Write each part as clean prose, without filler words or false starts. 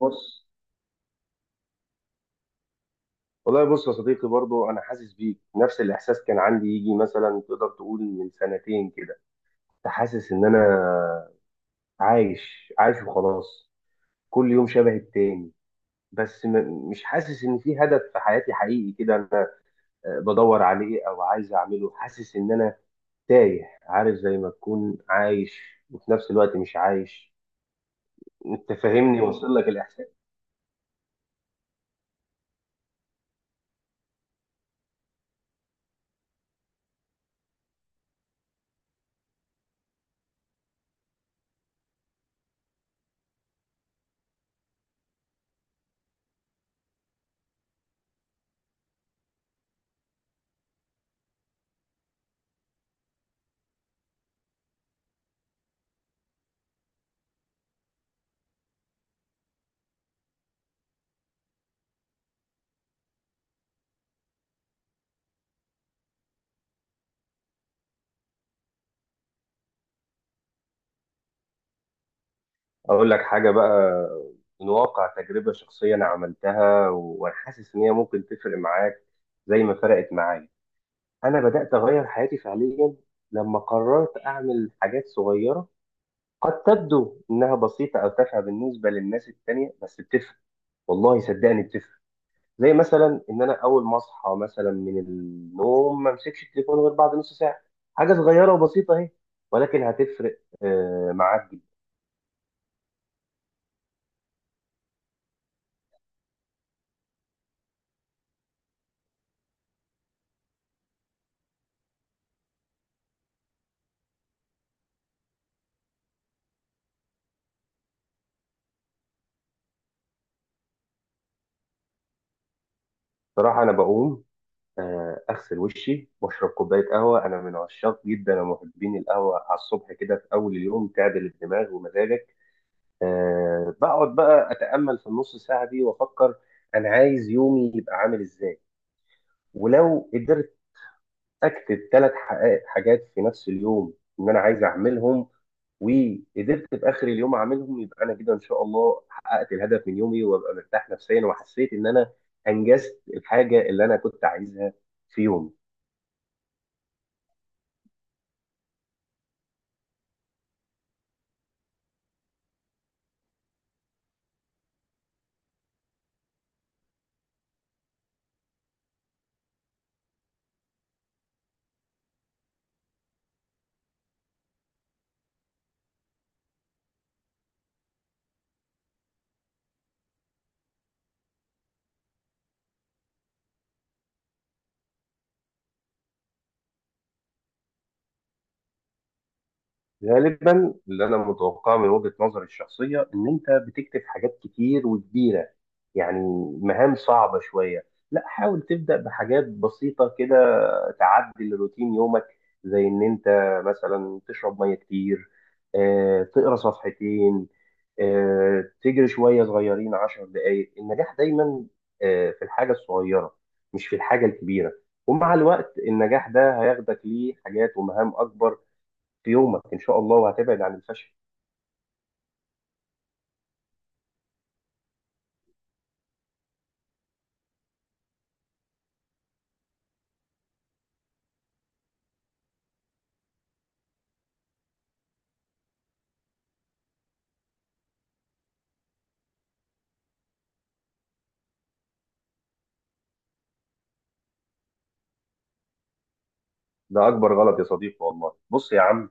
بص، والله، بص يا صديقي، برضو انا حاسس بيك. نفس الاحساس كان عندي يجي مثلا تقدر تقول من سنتين كده. كنت حاسس ان انا عايش عايش وخلاص، كل يوم شبه التاني. بس مش حاسس ان في هدف في حياتي حقيقي كده. انا بدور عليه او عايز اعمله. حاسس ان انا تايه، عارف؟ زي ما تكون عايش وفي نفس الوقت مش عايش. انت فاهمني؟ وصل لك الاحساس؟ اقول لك حاجه بقى. من واقع تجربه شخصيه انا عملتها وانا حاسس ان هي ممكن تفرق معاك زي ما فرقت معايا. انا بدات اغير حياتي فعليا لما قررت اعمل حاجات صغيره، قد تبدو انها بسيطه او تافهه بالنسبه للناس التانية، بس بتفرق. والله صدقني بتفرق. زي مثلا ان انا اول ما اصحى مثلا من النوم ما امسكش التليفون غير بعد نص ساعه. حاجه صغيره وبسيطه اهي، ولكن هتفرق معاك. بصراحه انا بقوم اغسل وشي واشرب كوبايه قهوه. انا من عشاق جدا ومحبين القهوه على الصبح كده في اول اليوم، تعدل الدماغ ومزاجك. بقعد بقى اتامل في النص ساعه دي وافكر انا عايز يومي يبقى عامل ازاي. ولو قدرت اكتب 3 حاجات في نفس اليوم ان انا عايز اعملهم، وقدرت في اخر اليوم اعملهم، يبقى انا كده ان شاء الله حققت الهدف من يومي وابقى مرتاح نفسيا وحسيت ان انا انجزت الحاجه اللي انا كنت عايزها في يومي. غالبا اللي انا متوقعه من وجهة نظري الشخصيه ان انت بتكتب حاجات كتير وكبيره، يعني مهام صعبه شويه. لا، حاول تبدا بحاجات بسيطه كده، تعدل روتين يومك. زي ان انت مثلا تشرب ميه كتير، تقرا صفحتين، تجري شويه صغيرين 10 دقائق. النجاح دايما في الحاجه الصغيره مش في الحاجه الكبيره. ومع الوقت النجاح ده هياخدك ليه حاجات ومهام اكبر في يومك ان شاء الله، وهتبعد عن الفشل. ده اكبر غلط يا صديقي، والله. بص يا عم،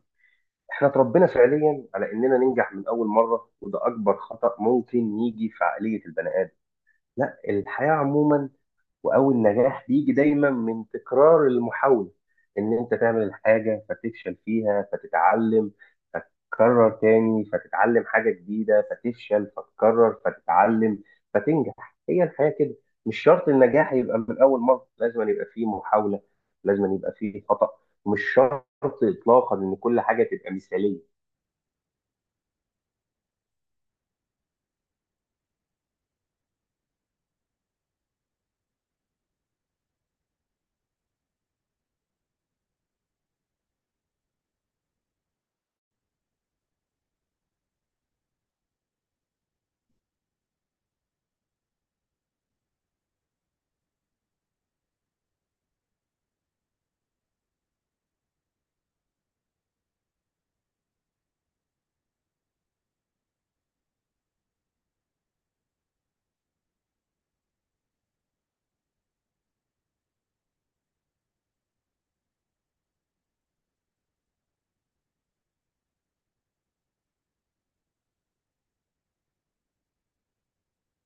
احنا اتربينا فعليا على اننا ننجح من اول مره، وده اكبر خطأ ممكن يجي في عقليه البني ادم، لا الحياه عموما. واول نجاح بيجي دايما من تكرار المحاوله، ان انت تعمل الحاجه فتفشل فيها فتتعلم، فتكرر تاني فتتعلم حاجه جديده، فتفشل فتكرر فتتعلم فتنجح. هي الحياه كده، مش شرط النجاح يبقى من اول مره. لازم يبقى فيه محاوله، لازم يبقى فيه خطا، مش شرط اطلاقا ان كل حاجه تبقى مثاليه.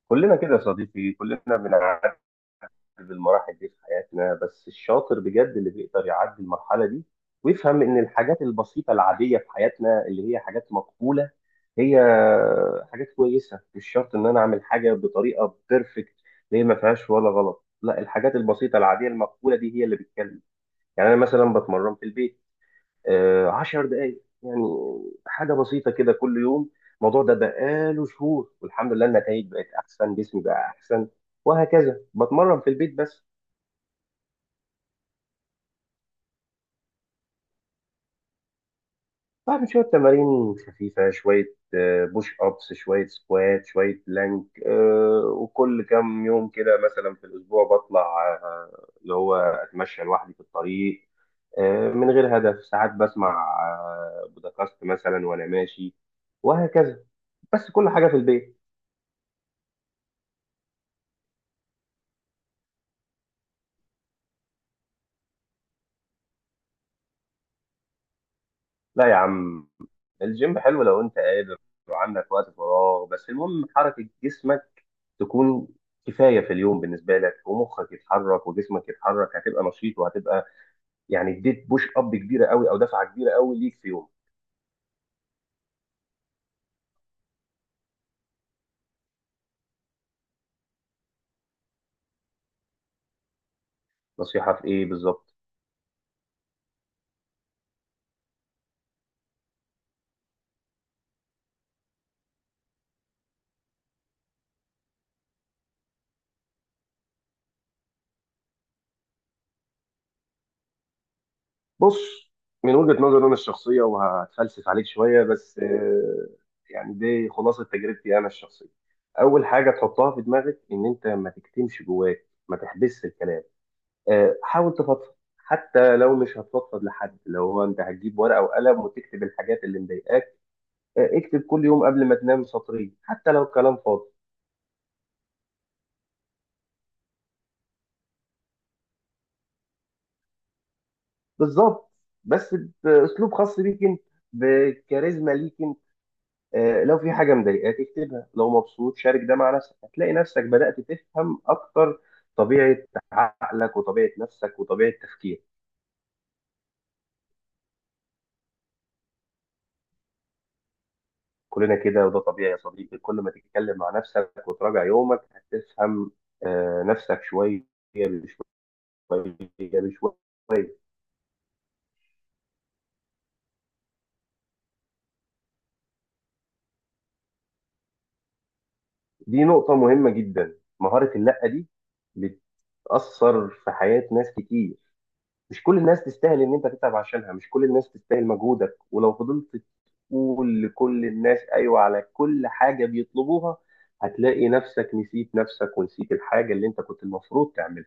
كلنا كده يا صديقي، كلنا في المراحل دي في حياتنا، بس الشاطر بجد اللي بيقدر يعدي المرحلة دي ويفهم إن الحاجات البسيطة العادية في حياتنا اللي هي حاجات مقبولة، هي حاجات كويسة. مش شرط إن أنا أعمل حاجة بطريقة بيرفكت اللي هي ما فيهاش ولا غلط، لا الحاجات البسيطة العادية المقبولة دي هي اللي بتكلم. يعني أنا مثلا بتمرن في البيت 10 دقايق يعني، حاجة بسيطة كده كل يوم. الموضوع ده بقاله شهور والحمد لله النتائج بقت أحسن، جسمي بقى أحسن. وهكذا، بتمرن في البيت بس. بعمل شوية تمارين خفيفة، شوية بوش أبس، شوية سكوات، شوية بلانك. وكل كام يوم كده مثلا في الأسبوع بطلع اللي هو أتمشى لوحدي في الطريق من غير هدف. ساعات بسمع بودكاست مثلا وأنا ماشي. وهكذا، بس كل حاجة في البيت. لا يا عم، الجيم حلو لو أنت قادر وعندك وقت فراغ، بس المهم حركة جسمك تكون كفاية في اليوم بالنسبة لك. ومخك يتحرك وجسمك يتحرك، هتبقى نشيط، وهتبقى يعني اديت بوش اب كبيره قوي او دفعه كبيره قوي ليك في يوم. نصيحه في ايه بالظبط؟ بص، من وجهه نظري انا الشخصيه، وهتفلسف عليك شويه بس يعني دي خلاصه تجربتي انا الشخصيه. اول حاجه تحطها في دماغك ان انت ما تكتمش جواك، ما تحبسش الكلام. حاول تفضفض. حتى لو مش هتفضفض لحد، لو هو انت هتجيب ورقه وقلم وتكتب الحاجات اللي مضايقاك. اكتب كل يوم قبل ما تنام سطرين، حتى لو كلام فاضي. بالظبط، بس باسلوب خاص بيك انت، بكاريزما ليك انت. لو في حاجه مضايقاك اكتبها، لو مبسوط شارك ده مع نفسك. هتلاقي نفسك بدات تفهم اكتر طبيعه عقلك وطبيعه نفسك وطبيعه تفكيرك. كلنا كده، وده طبيعي يا صديقي. كل ما تتكلم مع نفسك وتراجع يومك هتفهم نفسك شويه بشويه بشويه. دي نقطه مهمه جدا، مهاره اللأ دي بتأثر في حياة ناس كتير. مش كل الناس تستاهل ان انت تتعب عشانها، مش كل الناس تستاهل مجهودك. ولو فضلت تقول لكل الناس ايوه على كل حاجة بيطلبوها، هتلاقي نفسك نسيت نفسك ونسيت الحاجة اللي انت كنت المفروض تعملها.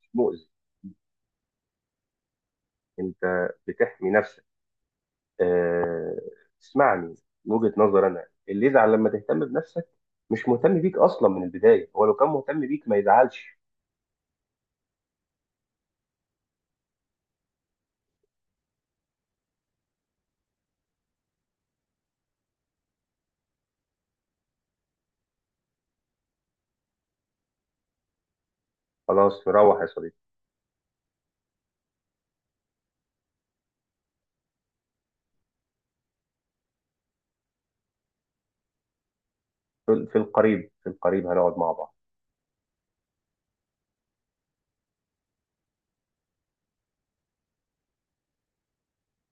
مش مؤذي، انت بتحمي نفسك. آه، اسمعني، من وجهة نظر انا، اللي يزعل لما تهتم بنفسك مش مهتم بيك اصلا من البداية. هو لو كان مهتم بيك ما يزعلش. خلاص، نروح يا صديقي. في القريب، في القريب هنقعد مع بعض.